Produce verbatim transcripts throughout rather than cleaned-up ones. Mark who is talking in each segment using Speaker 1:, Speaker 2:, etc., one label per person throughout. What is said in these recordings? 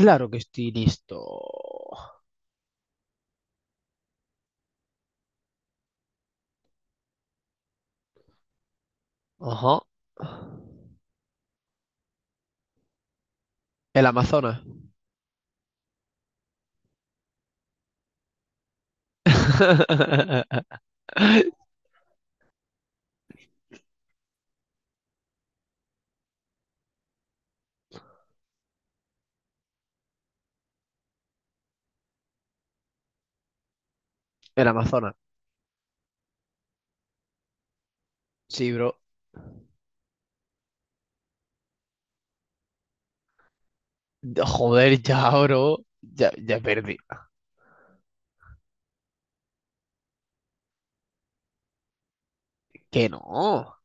Speaker 1: Claro que estoy listo. Ajá. El Amazonas. El Amazonas. Sí, bro. Joder, ya, bro. Ya, ya perdí. Que no.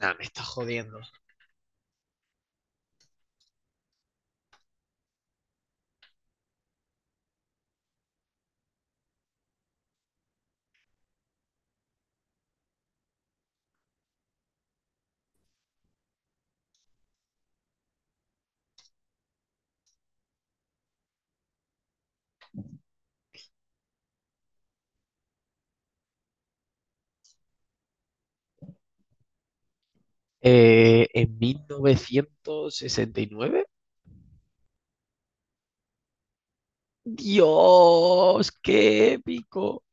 Speaker 1: Nah, me estás jodiendo. Eh, en mil novecientos sesenta y nueve. Dios, qué épico.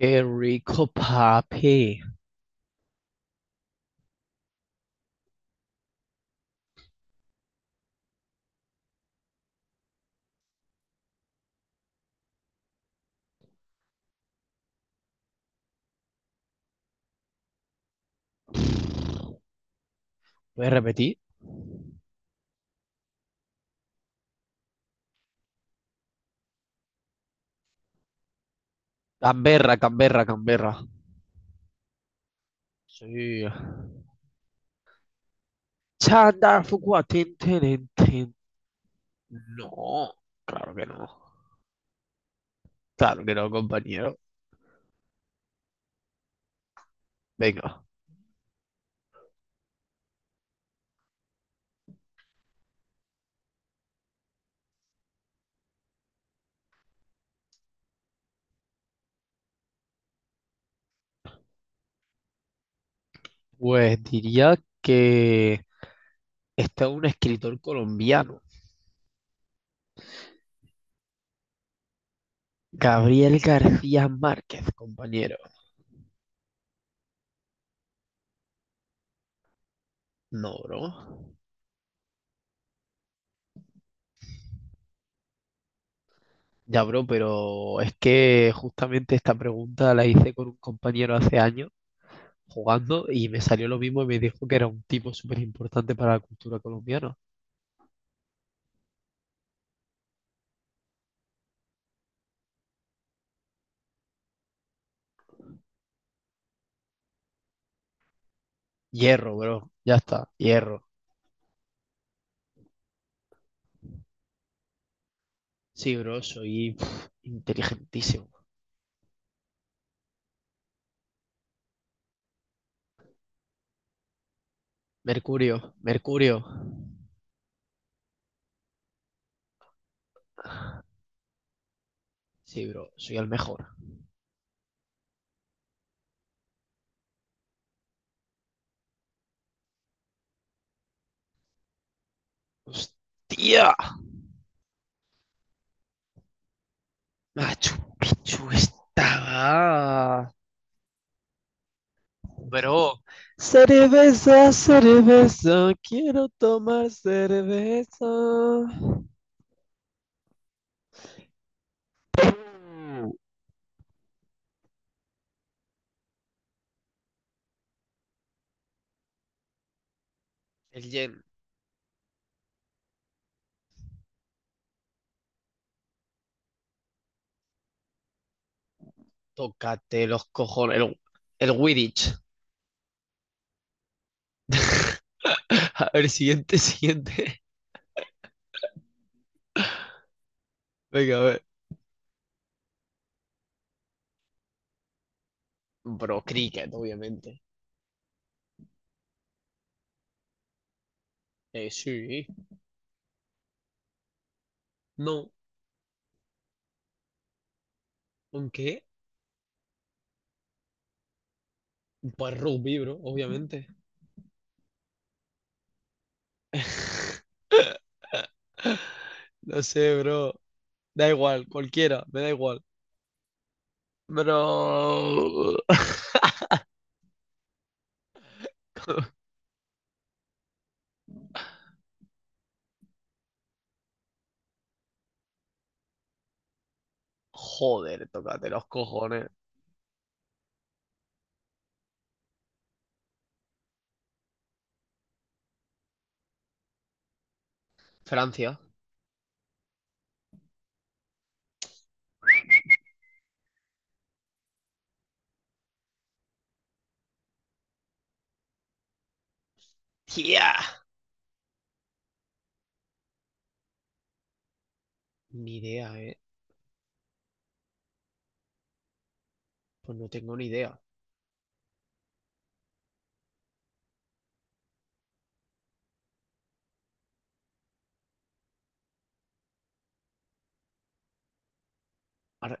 Speaker 1: Qué rico, papi. Voy a repetir. Canberra, Canberra, Canberra. Sí. Chandar Fuqua, tin, tin, tin. No, claro que no. Claro que no, compañero. Venga. Pues diría que está un escritor colombiano. Gabriel García Márquez, compañero. No, bro. Ya, bro, pero es que justamente esta pregunta la hice con un compañero hace años jugando y me salió lo mismo y me dijo que era un tipo súper importante para la cultura colombiana. Hierro, bro. Ya está. Hierro. Sí, bro, soy pf, inteligentísimo. Mercurio, Mercurio. Sí, bro, soy el mejor. ¡Hostia! Machu Picchu estaba. Bro, cerveza, cerveza, quiero tomar cerveza. El Yen, tócate los cojones. El, el Wittich. A ver, siguiente, siguiente. Venga, a ver. Bro, cricket, obviamente. Eh, sí. No, ¿con qué? Pues rugby, bro, obviamente. No sé, bro. Da igual, cualquiera, me da igual. Pero. Joder, tócate los cojones. Francia. ¡Tía! Ni idea, eh. Pues no tengo ni idea. Ahora-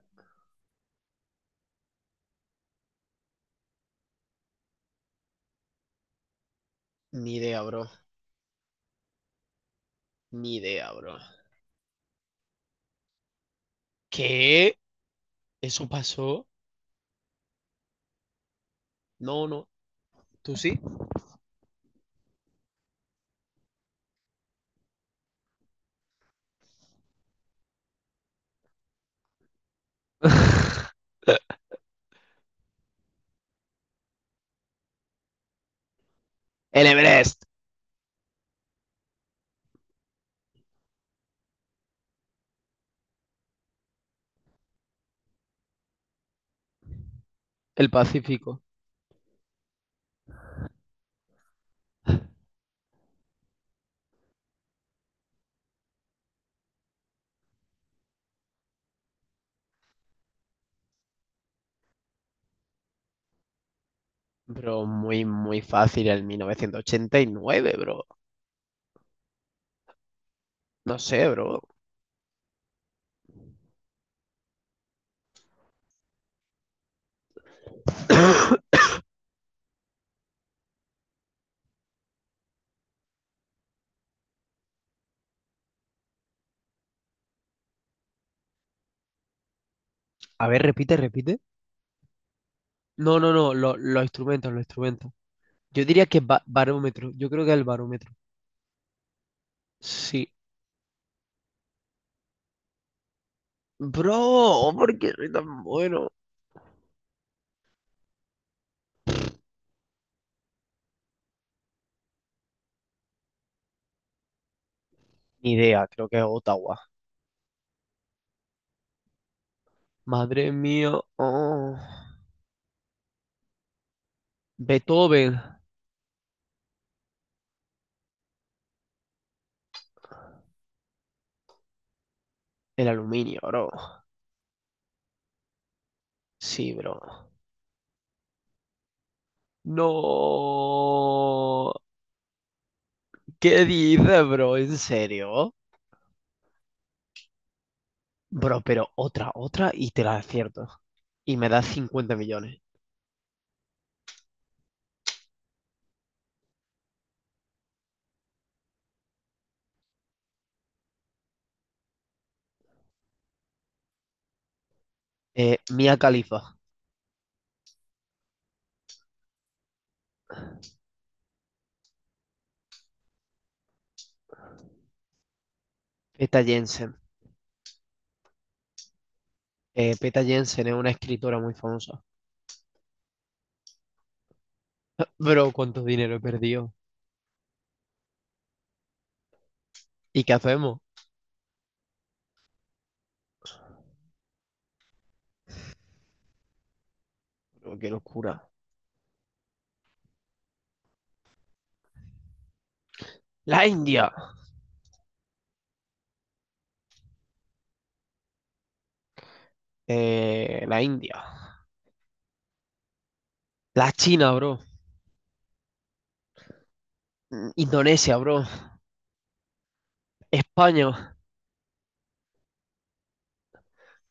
Speaker 1: Ni idea, bro. Ni idea, bro. ¿Qué? ¿Eso pasó? No, no. ¿Tú sí? El Everest. El Pacífico. Bro, muy, muy fácil el mil novecientos ochenta y nueve, bro. No sé, bro. A ver, repite, repite. No, no, no, lo- los instrumentos, los instrumentos. Yo diría que ba- barómetro. Yo creo que el barómetro. Sí. Bro, ¿por qué soy tan bueno? Ni idea, creo que es Ottawa. Madre mía. Oh, Beethoven. El aluminio, bro. Sí, bro. No. ¿Qué dices, bro? ¿En serio? Bro, pero otra, otra y te la acierto. Y me das cincuenta millones. Eh, Mia Khalifa, Peta Jensen. Eh, Peta Jensen es una escritora muy famosa. Bro, ¿cuánto dinero he perdido? ¿Y qué hacemos? Pero qué locura. La India. Eh, la India. La China, bro. Mm, Indonesia, bro. España.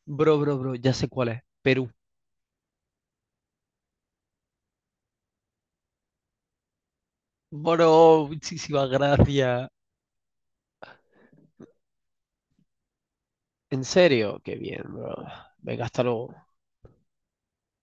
Speaker 1: Bro, bro, bro. Ya sé cuál es. Perú. Bro, muchísimas gracias. En serio, qué bien, bro. Venga, hasta luego.